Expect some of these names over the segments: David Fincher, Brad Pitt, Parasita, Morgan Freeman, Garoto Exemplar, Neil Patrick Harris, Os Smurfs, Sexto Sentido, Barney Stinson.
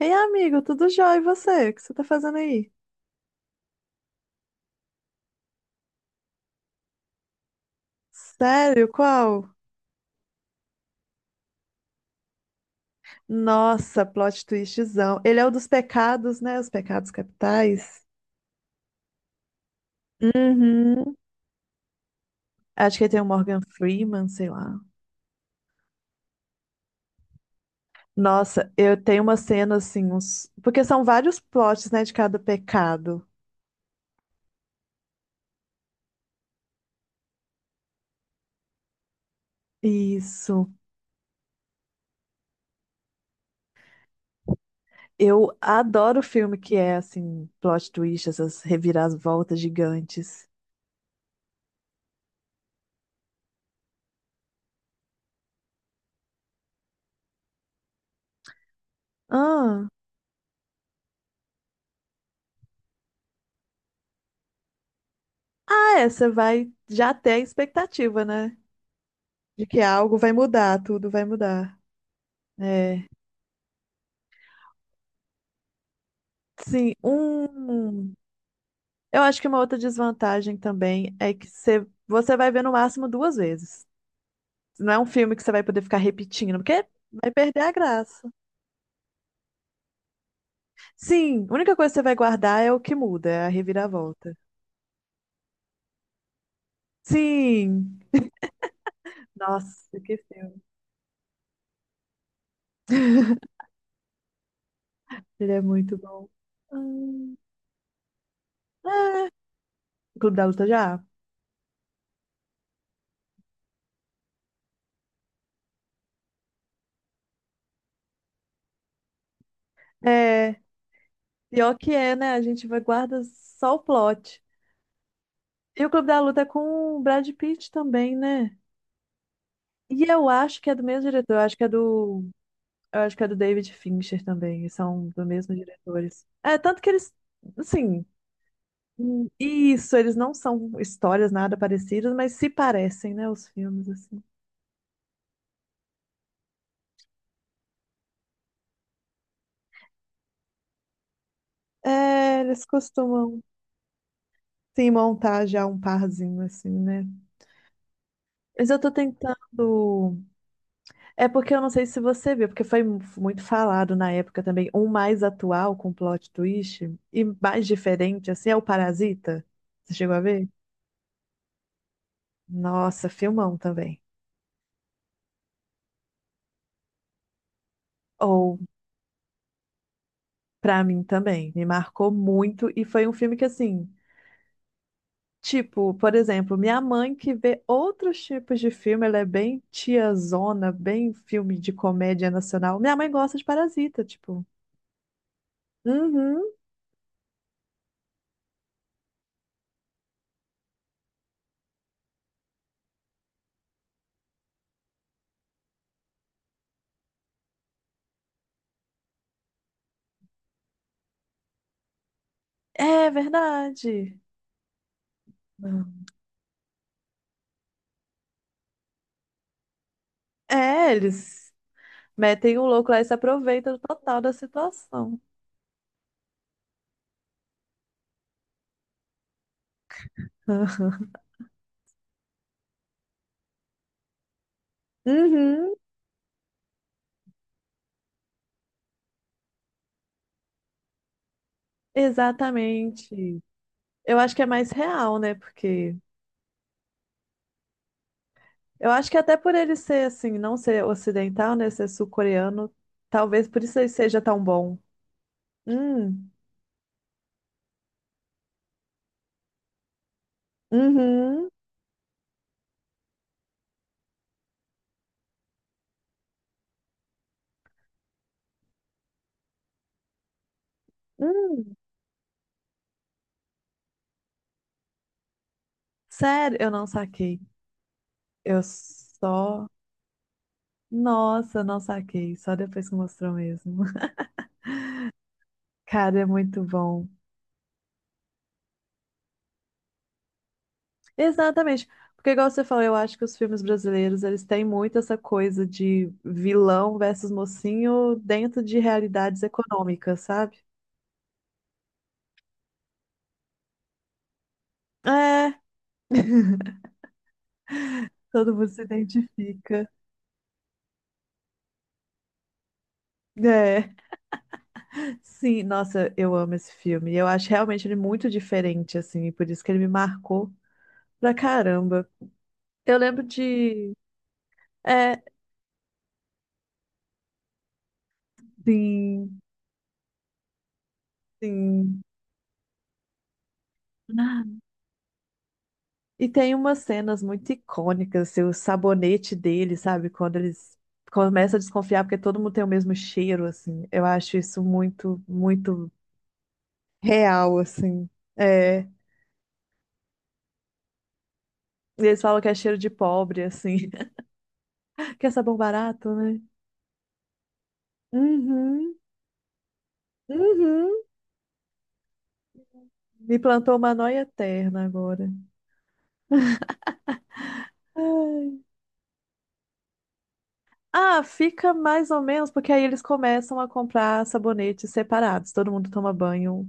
Ei, amigo, tudo jóia? E você? O que você tá fazendo aí? Sério? Qual? Nossa, plot twistzão. Ele é o dos pecados, né? Os pecados capitais. Uhum. Acho que ele tem o Morgan Freeman, sei lá. Nossa, eu tenho uma cena assim, uns... porque são vários plots, né, de cada pecado. Isso. Eu adoro filme que é assim, plot twist, essas reviravoltas gigantes. Ah, ah, é, você vai já ter a expectativa, né? De que algo vai mudar, tudo vai mudar. É. Sim, um. Eu acho que uma outra desvantagem também é que você vai ver no máximo duas vezes. Não é um filme que você vai poder ficar repetindo, porque vai perder a graça. Sim, a única coisa que você vai guardar é o que muda, é a reviravolta. Sim! Nossa, que filme. Ele é muito bom. Hum. Clube da Luta já? É. Pior que é, né? A gente vai guarda só o plot. E o Clube da Luta é com o Brad Pitt também, né? E eu acho que é do mesmo diretor, eu acho que é do, eu acho que é do David Fincher também, e são do mesmo diretores. É, tanto que eles, assim, isso, eles não são histórias nada parecidas, mas se parecem, né, os filmes, assim. É, eles costumam, sim, montar já um parzinho, assim, né? Mas eu tô tentando. É porque eu não sei se você viu, porque foi muito falado na época também, um mais atual com plot twist e mais diferente, assim, é o Parasita. Você chegou a ver? Nossa, filmão também. Ou, pra mim também, me marcou muito e foi um filme que, assim, tipo, por exemplo, minha mãe que vê outros tipos de filme, ela é bem tiazona, bem filme de comédia nacional. Minha mãe gosta de Parasita, tipo. Uhum, é verdade. É, eles. Metem o louco lá e se aproveitam total da situação. Uhum, exatamente. Eu acho que é mais real, né? Porque eu acho que até por ele ser assim, não ser ocidental, né? Ser sul-coreano, talvez por isso ele seja tão bom. Hum, uhum, hum. Sério, eu não saquei. Eu só. Nossa, não saquei. Só depois que mostrou mesmo. Cara, é muito bom. Exatamente. Porque, igual você falou, eu acho que os filmes brasileiros, eles têm muito essa coisa de vilão versus mocinho dentro de realidades econômicas, sabe? É, todo mundo se identifica. É, sim, nossa, eu amo esse filme. Eu acho realmente ele muito diferente, assim, e por isso que ele me marcou pra caramba. Eu lembro de. É, sim, sim. E tem umas cenas muito icônicas, assim, o sabonete dele, sabe? Quando eles começam a desconfiar porque todo mundo tem o mesmo cheiro, assim. Eu acho isso muito real, assim. É. E eles falam que é cheiro de pobre, assim. Que é sabão barato, né? Uhum, uhum. Me plantou uma nóia eterna agora. Ah, fica mais ou menos, porque aí eles começam a comprar sabonetes separados. Todo mundo toma banho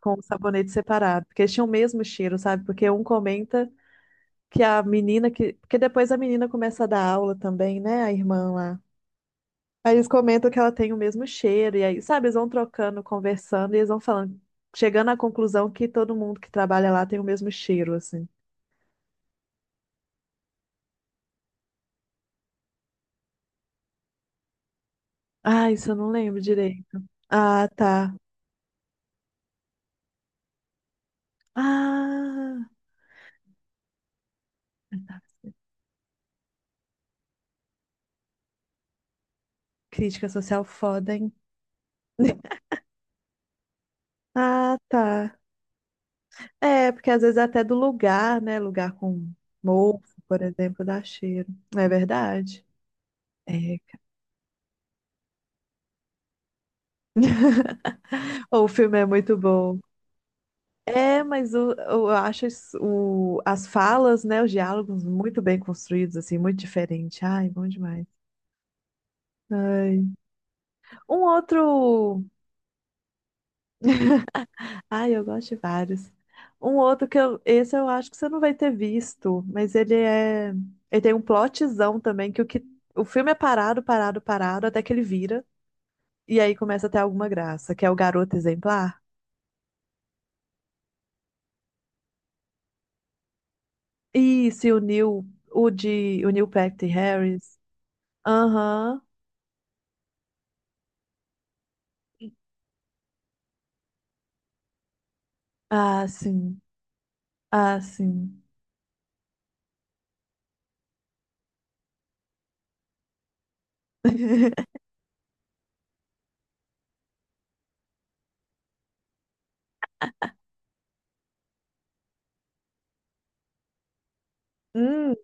com o sabonete separado, porque eles tinham o mesmo cheiro, sabe? Porque um comenta que a menina que. Porque depois a menina começa a dar aula também, né? A irmã lá. Aí eles comentam que ela tem o mesmo cheiro, e aí, sabe, eles vão trocando, conversando, e eles vão falando, chegando à conclusão que todo mundo que trabalha lá tem o mesmo cheiro, assim. Ah, isso eu não lembro direito. Ah, tá. Ah, crítica social foda, hein? Ah, tá. É, porque às vezes é até do lugar, né? Lugar com mofo, por exemplo, dá cheiro. Não é verdade? É. O filme é muito bom. É, mas o- eu acho isso- o, as falas, né? Os diálogos muito bem construídos, assim, muito diferente. Ai, bom demais. Ai. Um outro. Ai, eu gosto de vários. Um outro que eu, esse eu acho que você não vai ter visto, mas ele é, ele tem um plotzão também que o filme é parado, parado, parado até que ele vira e aí começa a ter alguma graça, que é o Garoto Exemplar. Isso, e o Neil, o de, o Neil Patrick Harris. Aham. Ah, sim. Ah, sim. Hum.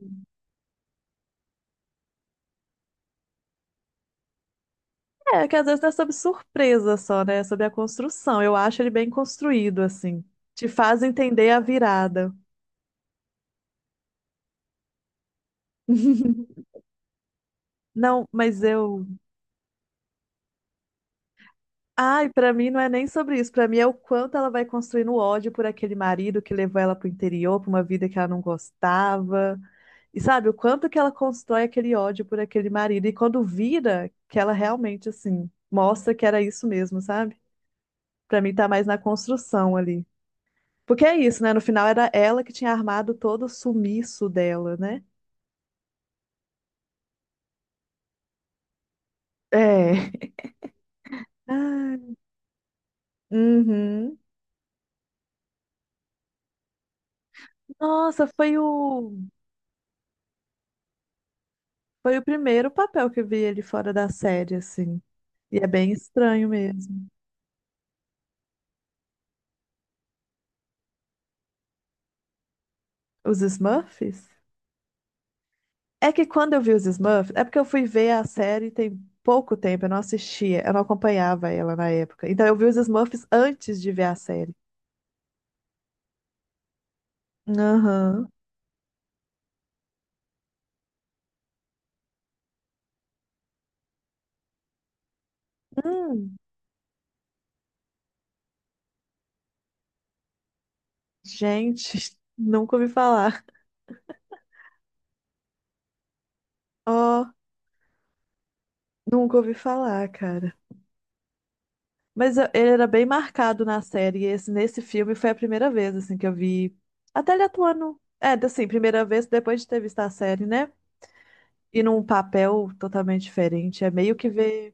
É, que às vezes não é sobre surpresa só, né? É sobre a construção. Eu acho ele bem construído, assim. Te faz entender a virada. Não, mas eu. Ai, pra mim não é nem sobre isso. Pra mim é o quanto ela vai construindo ódio por aquele marido que levou ela pro interior, pra uma vida que ela não gostava. E sabe, o quanto que ela constrói aquele ódio por aquele marido. E quando vira, que ela realmente, assim, mostra que era isso mesmo, sabe? Pra mim tá mais na construção ali. Porque é isso, né? No final era ela que tinha armado todo o sumiço dela, né? É. Ah, uhum. Nossa, foi o. Foi o primeiro papel que eu vi ele fora da série, assim. E é bem estranho mesmo. Os Smurfs? É que quando eu vi os Smurfs, é porque eu fui ver a série tem pouco tempo, eu não assistia, eu não acompanhava ela na época. Então eu vi os Smurfs antes de ver a série. Aham. Hum, gente, nunca ouvi falar. Ó, nunca ouvi falar, cara. Mas eu- ele era bem marcado na série, e esse, nesse filme foi a primeira vez, assim, que eu vi. Até ele atuando. É, assim, primeira vez depois de ter visto a série, né? E num papel totalmente diferente. É meio que ver.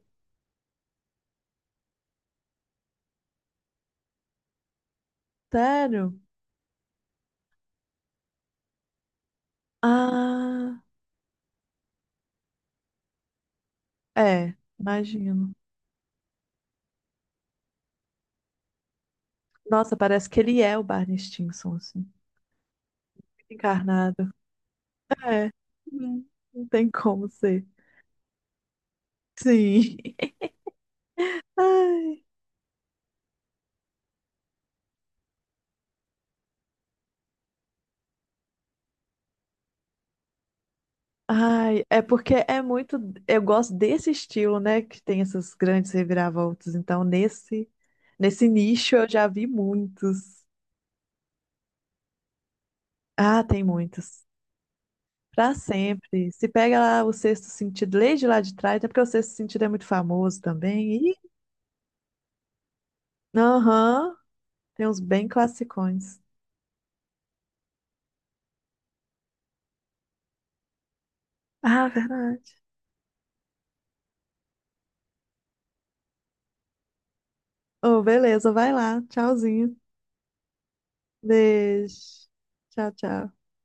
Sério? Ah, é, imagino. Nossa, parece que ele é o Barney Stinson, assim, encarnado. É, não não tem como ser. Sim. Ai. Ai, é porque é muito. Eu gosto desse estilo, né? Que tem essas grandes reviravoltas. Então, nesse, nesse nicho eu já vi muitos. Ah, tem muitos. Pra sempre. Se pega lá o Sexto Sentido, lê de lá de trás, até porque o Sexto Sentido é muito famoso também. E, aham, tem uns bem classicões. Ah, verdade. Oh, beleza, vai lá. Tchauzinho. Beijo. Tchau, tchau.